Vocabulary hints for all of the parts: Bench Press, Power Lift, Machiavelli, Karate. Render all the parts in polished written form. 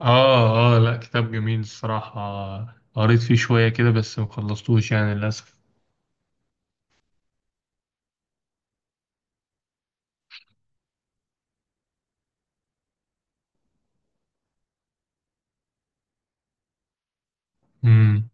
اه اه، لا، كتاب جميل الصراحة. قريت فيه شوية كده بس مخلصتوش يعني للأسف. امم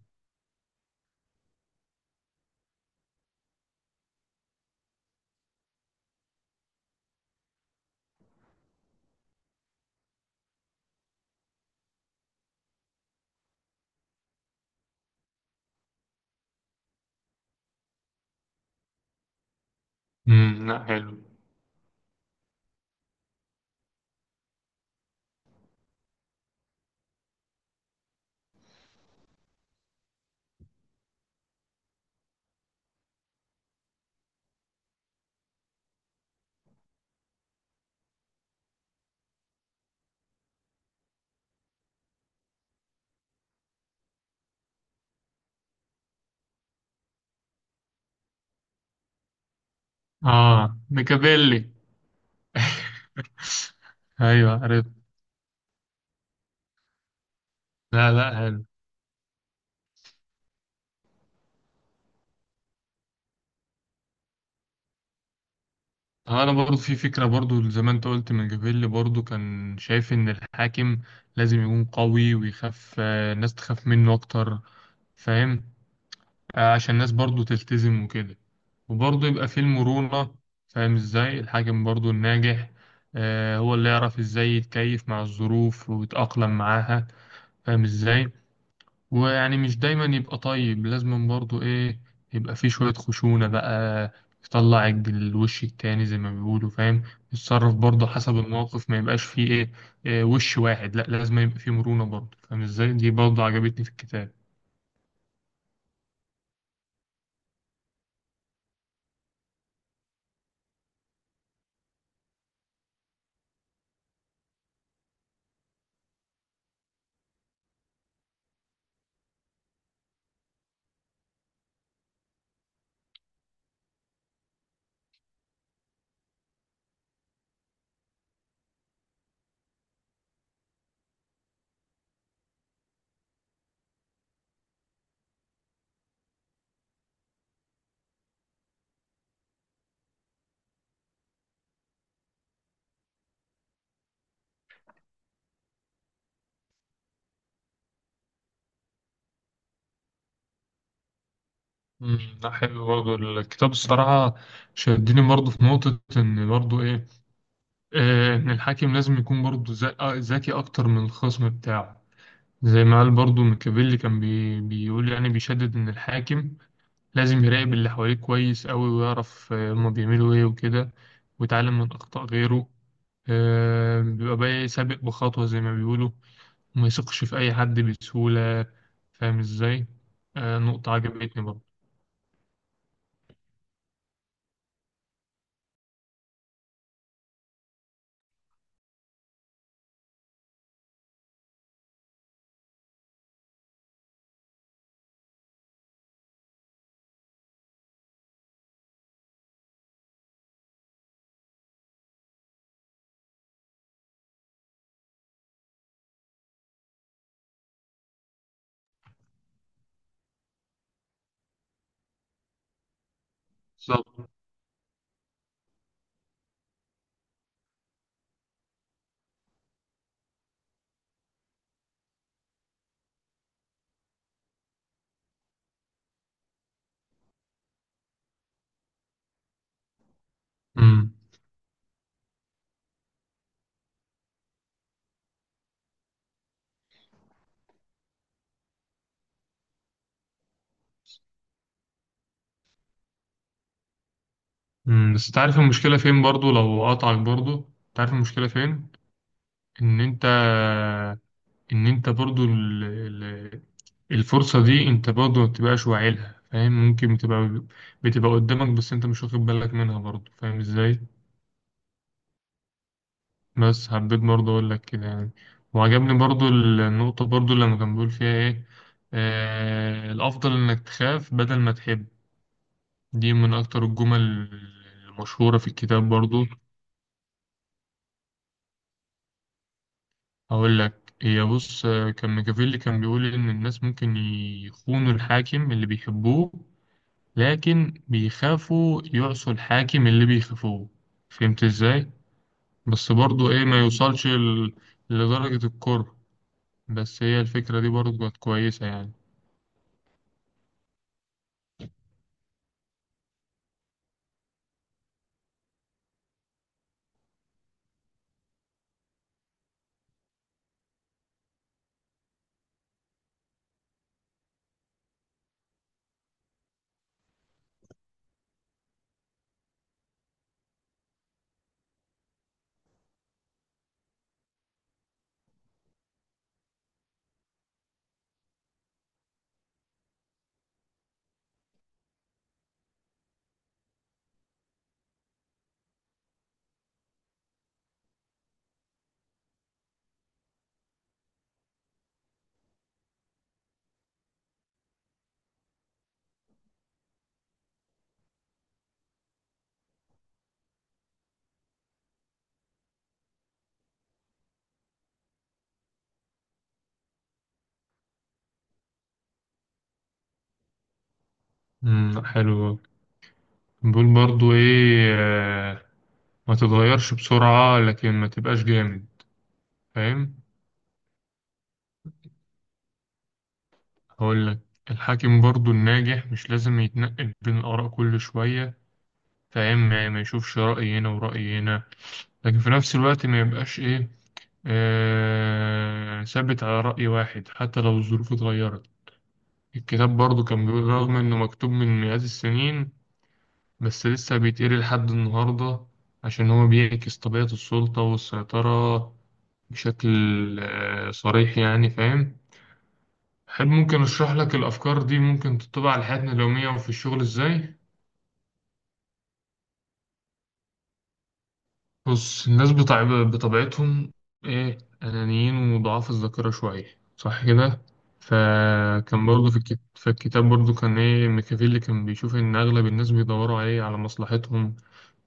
لا حلو. اه، ميكافيلي. ايوه، عرفت. لا لا، حلو. انا برضو في فكرة برضو زي ما انت قلت. ميكافيلي برضو كان شايف ان الحاكم لازم يكون قوي ويخاف، الناس تخاف منه اكتر. فاهم. عشان الناس برضو تلتزم وكده، وبرضو يبقى فيه المرونة. فاهم ازاي الحاكم برضو الناجح، هو اللي يعرف ازاي يتكيف مع الظروف ويتأقلم معاها. فاهم ازاي. ويعني مش دايما يبقى طيب، لازم برضو ايه، يبقى فيه شوية خشونة بقى. يطلع الوش التاني زي ما بيقولوا. فاهم. يتصرف برضه حسب الموقف، ما يبقاش فيه ايه، وش واحد، لا لازم يبقى فيه مرونة برضه. فاهم ازاي، دي برضه عجبتني في الكتاب. لا حلو برضه الكتاب الصراحة. شدني برضه في نقطة إن برضه إيه، إن الحاكم لازم يكون برضه ذكي أكتر من الخصم بتاعه. زي ما قال برضه ميكافيلي، كان بيقول يعني بيشدد إن الحاكم لازم يراقب اللي حواليه كويس أوي ويعرف، هما بيعملوا إيه وكده، ويتعلم من أخطاء غيره. بيبقى بقى إيه، سابق بخطوة زي ما بيقولوا، وما يثقش في أي حد بسهولة. فاهم إزاي. نقطة عجبتني برضه. بالظبط. مم. بس تعرف المشكلة فين برضو لو قطعك برضو؟ تعرف المشكلة فين؟ ان انت، برضو الفرصة دي انت برضو ما بتبقاش واعي لها. فاهم؟ ممكن بتبقى قدامك بس انت مش واخد بالك منها برضو. فاهم ازاي. بس حبيت برضو اقول لك كده يعني. وعجبني برضو النقطة برضو لما كان بيقول فيها ايه، الافضل انك تخاف بدل ما تحب. دي من اكتر الجمل المشهورة في الكتاب برضو. هقول لك، هي بص، كان ميكافيلي كان بيقول إن الناس ممكن يخونوا الحاكم اللي بيحبوه، لكن بيخافوا يعصوا الحاكم اللي بيخافوه. فهمت إزاي؟ بس برضو إيه ما يوصلش لدرجة الكره. بس هي الفكرة دي برضو كانت كويسة يعني. حلو. بيقول برضو إيه، ما تتغيرش بسرعة لكن ما تبقاش جامد. فاهم؟ هقول لك، الحاكم برضو الناجح مش لازم يتنقل بين الآراء كل شوية. فاهم، ما يشوفش رأي هنا ورأي هنا، لكن في نفس الوقت ما يبقاش إيه، ثابت على رأي واحد حتى لو الظروف اتغيرت. الكتاب برضو كان بيقول رغم إنه مكتوب من مئات السنين بس لسه بيتقري لحد النهاردة، عشان هو بيعكس طبيعة السلطة والسيطرة بشكل صريح يعني. فاهم. أحب ممكن أشرح لك الأفكار دي ممكن تطبق على حياتنا اليومية وفي الشغل إزاي. بص، الناس بتاع بطبيعتهم ايه، انانيين وضعاف الذاكره شويه، صح كده؟ فكان برضه في الكتاب برضه كان ايه، ميكافيلي كان بيشوف ان اغلب الناس بيدوروا عليه على مصلحتهم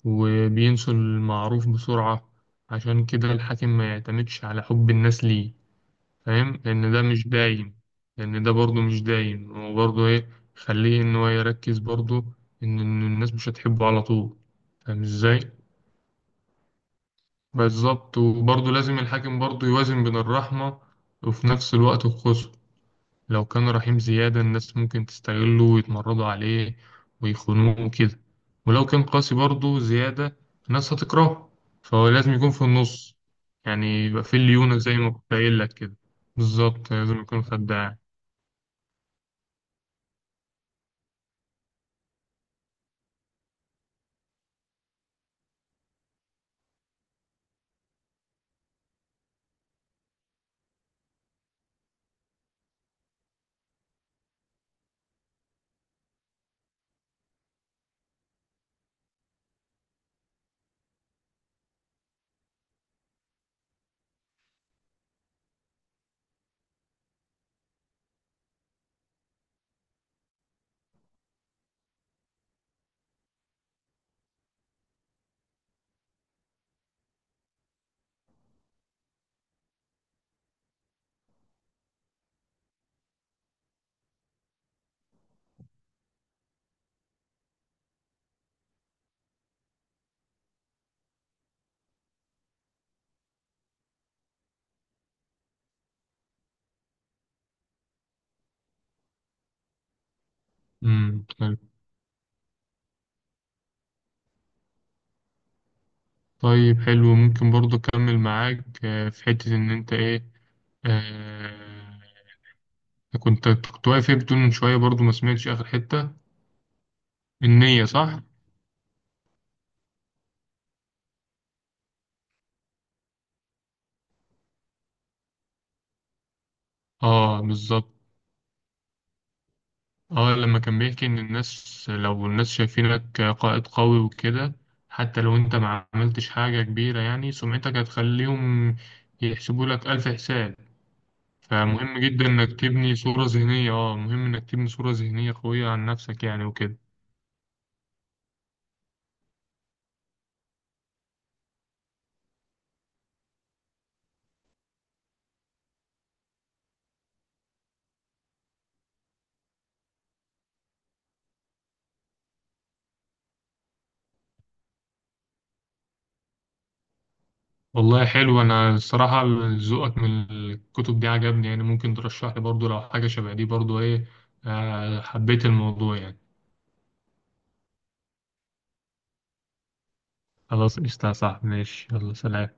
وبينسوا المعروف بسرعه. عشان كده الحاكم ما يعتمدش على حب الناس ليه. فاهم، لان ده مش دايم. لان ده برضه مش دايم، وبرضه ايه، خليه ان هو يركز برضه ان إن الناس مش هتحبه على طول. فاهم ازاي. بالظبط، وبرضه لازم الحاكم برضه يوازن بين الرحمة وفي نفس الوقت القسوة. لو كان رحيم زيادة الناس ممكن تستغله ويتمردوا عليه ويخونوه وكده. ولو كان قاسي برضه زيادة، الناس هتكرهه. فهو لازم يكون في النص، يعني يبقى في ليونة زي ما كنت قايل لك كده. بالظبط لازم يكون خداع. حلو. طيب حلو، ممكن برضه أكمل معاك، في حتة إن أنت إيه، آه، كنت واقف إيه بتقول من شوية برضه ما سمعتش آخر حتة. النية صح؟ اه، بالظبط. اه لما كان بيحكي ان الناس، لو الناس شايفينك قائد قوي وكده، حتى لو انت ما عملتش حاجة كبيرة يعني سمعتك هتخليهم يحسبوا لك ألف حساب. فمهم جدا انك تبني صورة ذهنية، مهم انك تبني صورة ذهنية قوية عن نفسك يعني وكده. والله حلو، انا الصراحة ذوقك من الكتب دي عجبني يعني، ممكن ترشح لي برضو لو حاجة شبه دي برضو ايه، حبيت الموضوع يعني. خلاص، قشطة يا صاحبي، ماشي، يلا سلام.